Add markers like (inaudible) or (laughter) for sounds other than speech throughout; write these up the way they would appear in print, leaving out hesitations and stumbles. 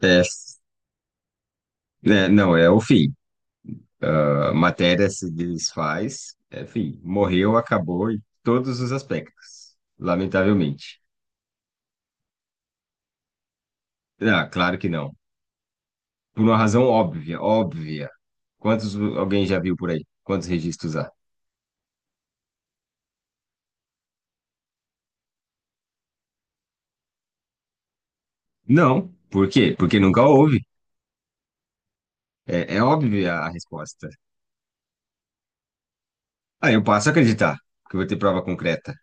Pes- é, não, é o fim. A matéria se desfaz, é fim. Morreu, acabou em todos os aspectos, lamentavelmente. Ah, claro que não. Por uma razão óbvia, óbvia. Quantos alguém já viu por aí? Quantos registros há? Não. Por quê? Porque nunca houve. É óbvia a resposta. Ah, eu passo a acreditar que eu vou ter prova concreta.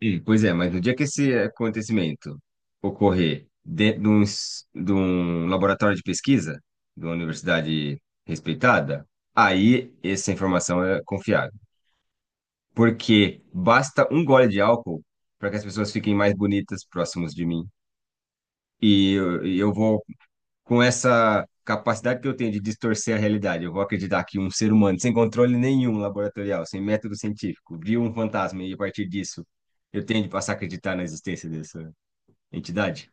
E, pois é, mas no dia que esse acontecimento ocorrer dentro de um laboratório de pesquisa, de uma universidade respeitada, aí essa informação é confiável. Porque basta um gole de álcool para que as pessoas fiquem mais bonitas próximos de mim. E eu vou, com essa capacidade que eu tenho de distorcer a realidade, eu vou acreditar que um ser humano sem controle nenhum laboratorial, sem método científico, viu um fantasma e a partir disso eu tenho de passar a acreditar na existência desse entidade?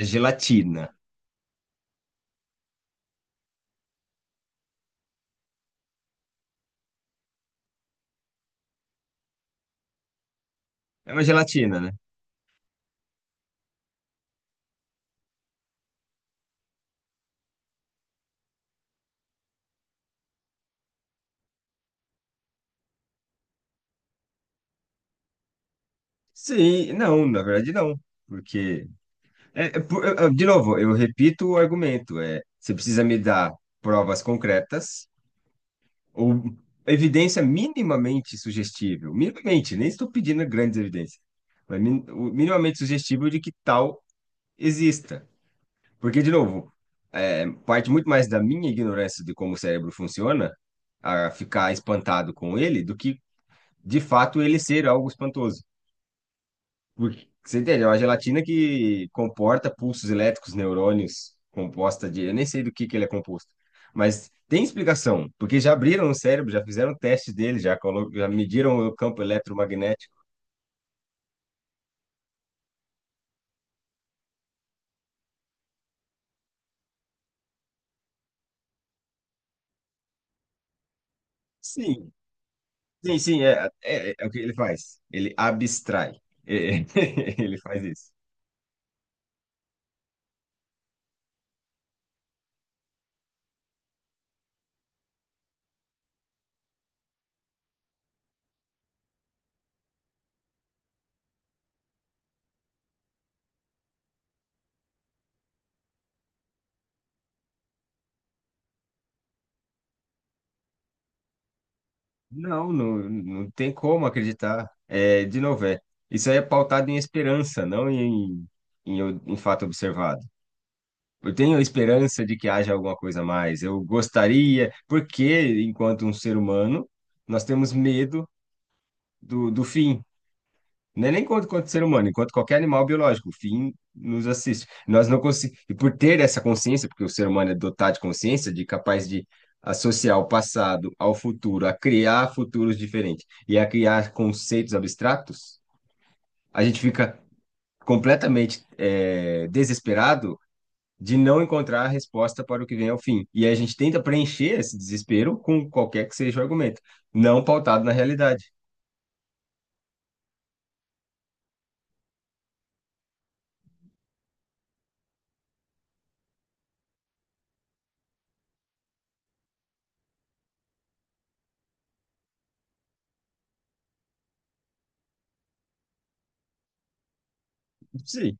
É gelatina. É uma gelatina, né? Sim, não, na verdade não. Porque. De novo, eu repito o argumento. É, você precisa me dar provas concretas ou evidência minimamente sugestível. Minimamente, nem estou pedindo grandes evidências. Mas o minimamente sugestível de que tal exista. Porque, de novo, parte muito mais da minha ignorância de como o cérebro funciona a ficar espantado com ele do que de fato ele ser algo espantoso. Porque, você entende? É uma gelatina que comporta pulsos elétricos, neurônios, composta de. Eu nem sei do que ele é composto. Mas tem explicação, porque já abriram o cérebro, já fizeram testes dele, já mediram o campo eletromagnético. Sim, sim, sim, é o que ele faz. Ele abstrai. É, (laughs) ele faz isso. Não, não, não tem como acreditar. É, de novo, é. Isso aí é pautado em esperança, não em fato observado. Eu tenho a esperança de que haja alguma coisa a mais. Eu gostaria, porque enquanto um ser humano, nós temos medo do fim. Não é nem enquanto ser humano, enquanto qualquer animal biológico, o fim nos assiste. Nós não conseguimos. E por ter essa consciência, porque o ser humano é dotado de consciência, de capaz de associar o passado ao futuro, a criar futuros diferentes e a criar conceitos abstratos, a gente fica completamente desesperado de não encontrar a resposta para o que vem ao fim. E aí a gente tenta preencher esse desespero com qualquer que seja o argumento, não pautado na realidade. Sim,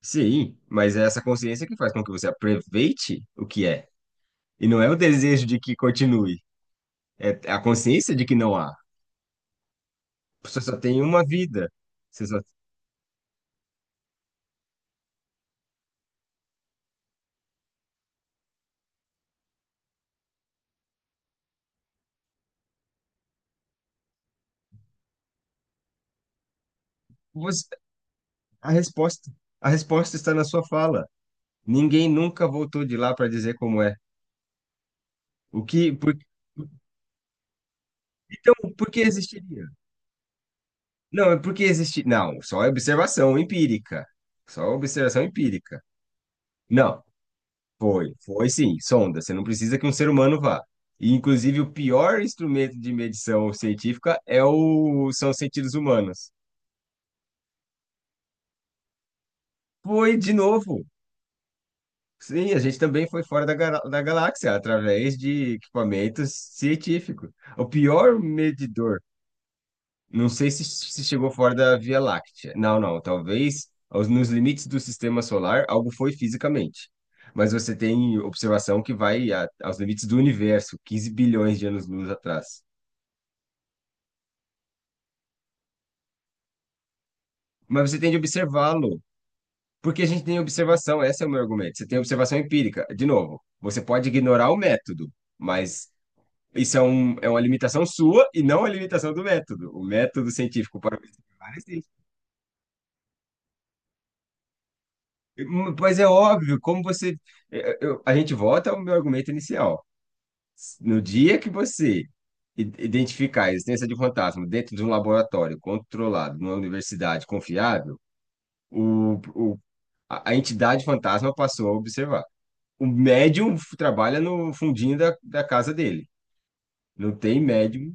sim, mas é essa consciência que faz com que você aproveite o que é. E não é o desejo de que continue, é a consciência de que não há. Você só tem uma vida. Você só... você- A resposta, a resposta está na sua fala. Ninguém nunca voltou de lá para dizer como é. O que, por... Então, por que existiria? Não, é porque existe. Não, só é observação empírica. Só observação empírica. Não, foi sim, sonda. Você não precisa que um ser humano vá. E, inclusive, o pior instrumento de medição científica são os sentidos humanos. Foi de novo. Sim, a gente também foi fora da galáxia através de equipamentos científicos. O pior medidor. Não sei se chegou fora da Via Láctea. Não, não. Talvez nos limites do sistema solar algo foi fisicamente. Mas você tem observação que vai aos limites do universo, 15 bilhões de anos-luz atrás. Mas você tem de observá-lo, porque a gente tem observação, esse é o meu argumento. Você tem observação empírica. De novo, você pode ignorar o método, mas isso é uma limitação sua e não a limitação do método. O método científico para observar. Pois é óbvio, como você. A gente volta ao meu argumento inicial. No dia que você identificar a existência de fantasma dentro de um laboratório controlado, numa universidade confiável, o, o- a entidade fantasma passou a observar. O médium trabalha no fundinho da casa dele. Não tem médium,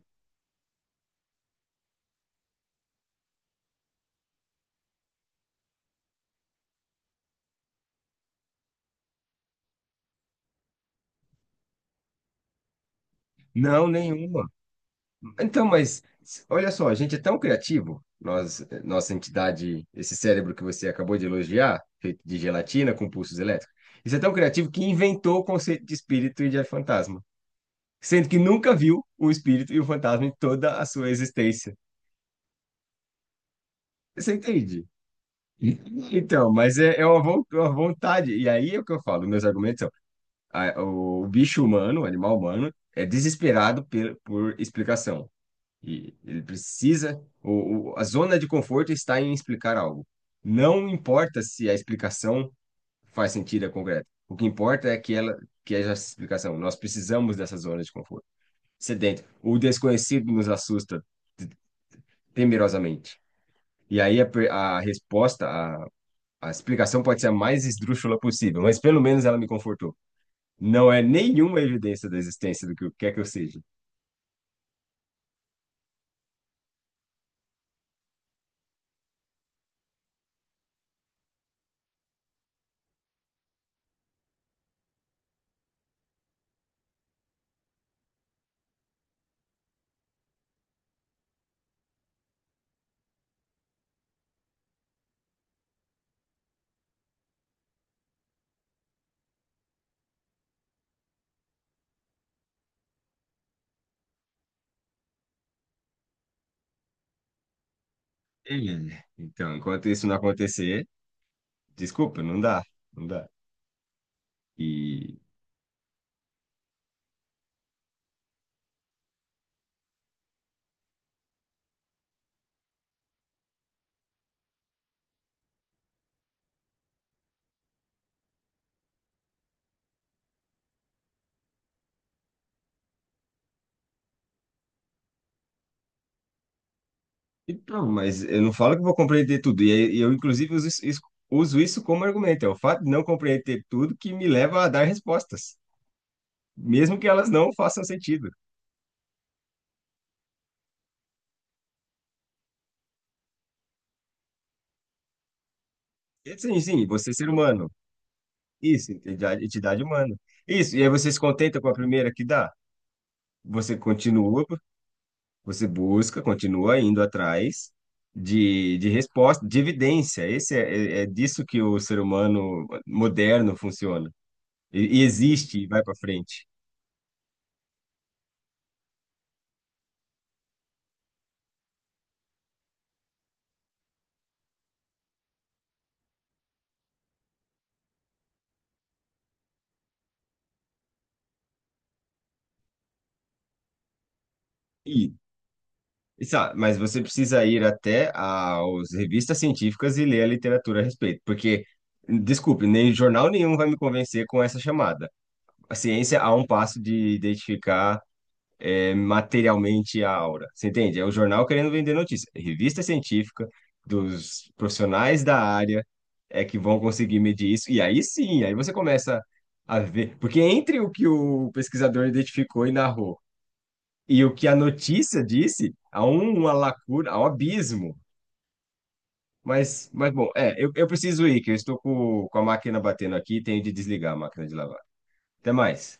não, nenhum. Então, olha só, a gente é tão criativo, nós, nossa entidade, esse cérebro que você acabou de elogiar, feito de gelatina com pulsos elétricos, isso é tão criativo que inventou o conceito de espírito e de fantasma, sendo que nunca viu o espírito e o fantasma em toda a sua existência. Você entende? Então, mas é uma vontade. E aí é o que eu falo, meus argumentos são, o bicho humano, o animal humano, é desesperado por explicação. E ele precisa. A zona de conforto está em explicar algo. Não importa se a explicação faz sentido e é concreta. O que importa é que ela, que é essa explicação. Nós precisamos dessa zona de conforto. Sedento. O desconhecido nos assusta te- temerosamente. E aí a, per- a resposta, a explicação pode ser a mais esdrúxula possível, mas pelo menos ela me confortou. Não é nenhuma evidência da existência do que quer que eu seja. É. Então, enquanto isso não acontecer. Desculpa, não dá, não dá. E, e pronto, mas eu não falo que vou compreender tudo. E aí, eu, inclusive, uso isso como argumento. É o fato de não compreender tudo que me leva a dar respostas, mesmo que elas não façam sentido. Sim, sim, você é ser humano. Isso, entidade, entidade humana. Isso, e aí você se contenta com a primeira que dá. Você continua, você busca, continua indo atrás de resposta, de evidência. Esse é disso que o ser humano moderno funciona. E existe e vai para frente. E, mas você precisa ir até as revistas científicas e ler a literatura a respeito, porque, desculpe, nem jornal nenhum vai me convencer com essa chamada. A ciência a um passo de identificar materialmente a aura. Você entende? É o jornal querendo vender notícia. Revista científica dos profissionais da área é que vão conseguir medir isso. E aí sim, aí você começa a ver. Porque entre o que o pesquisador identificou e narrou e o que a notícia disse, há uma lacuna, há um abismo. Mas bom, eu preciso ir, que eu estou com a máquina batendo aqui e tenho de desligar a máquina de lavar. Até mais.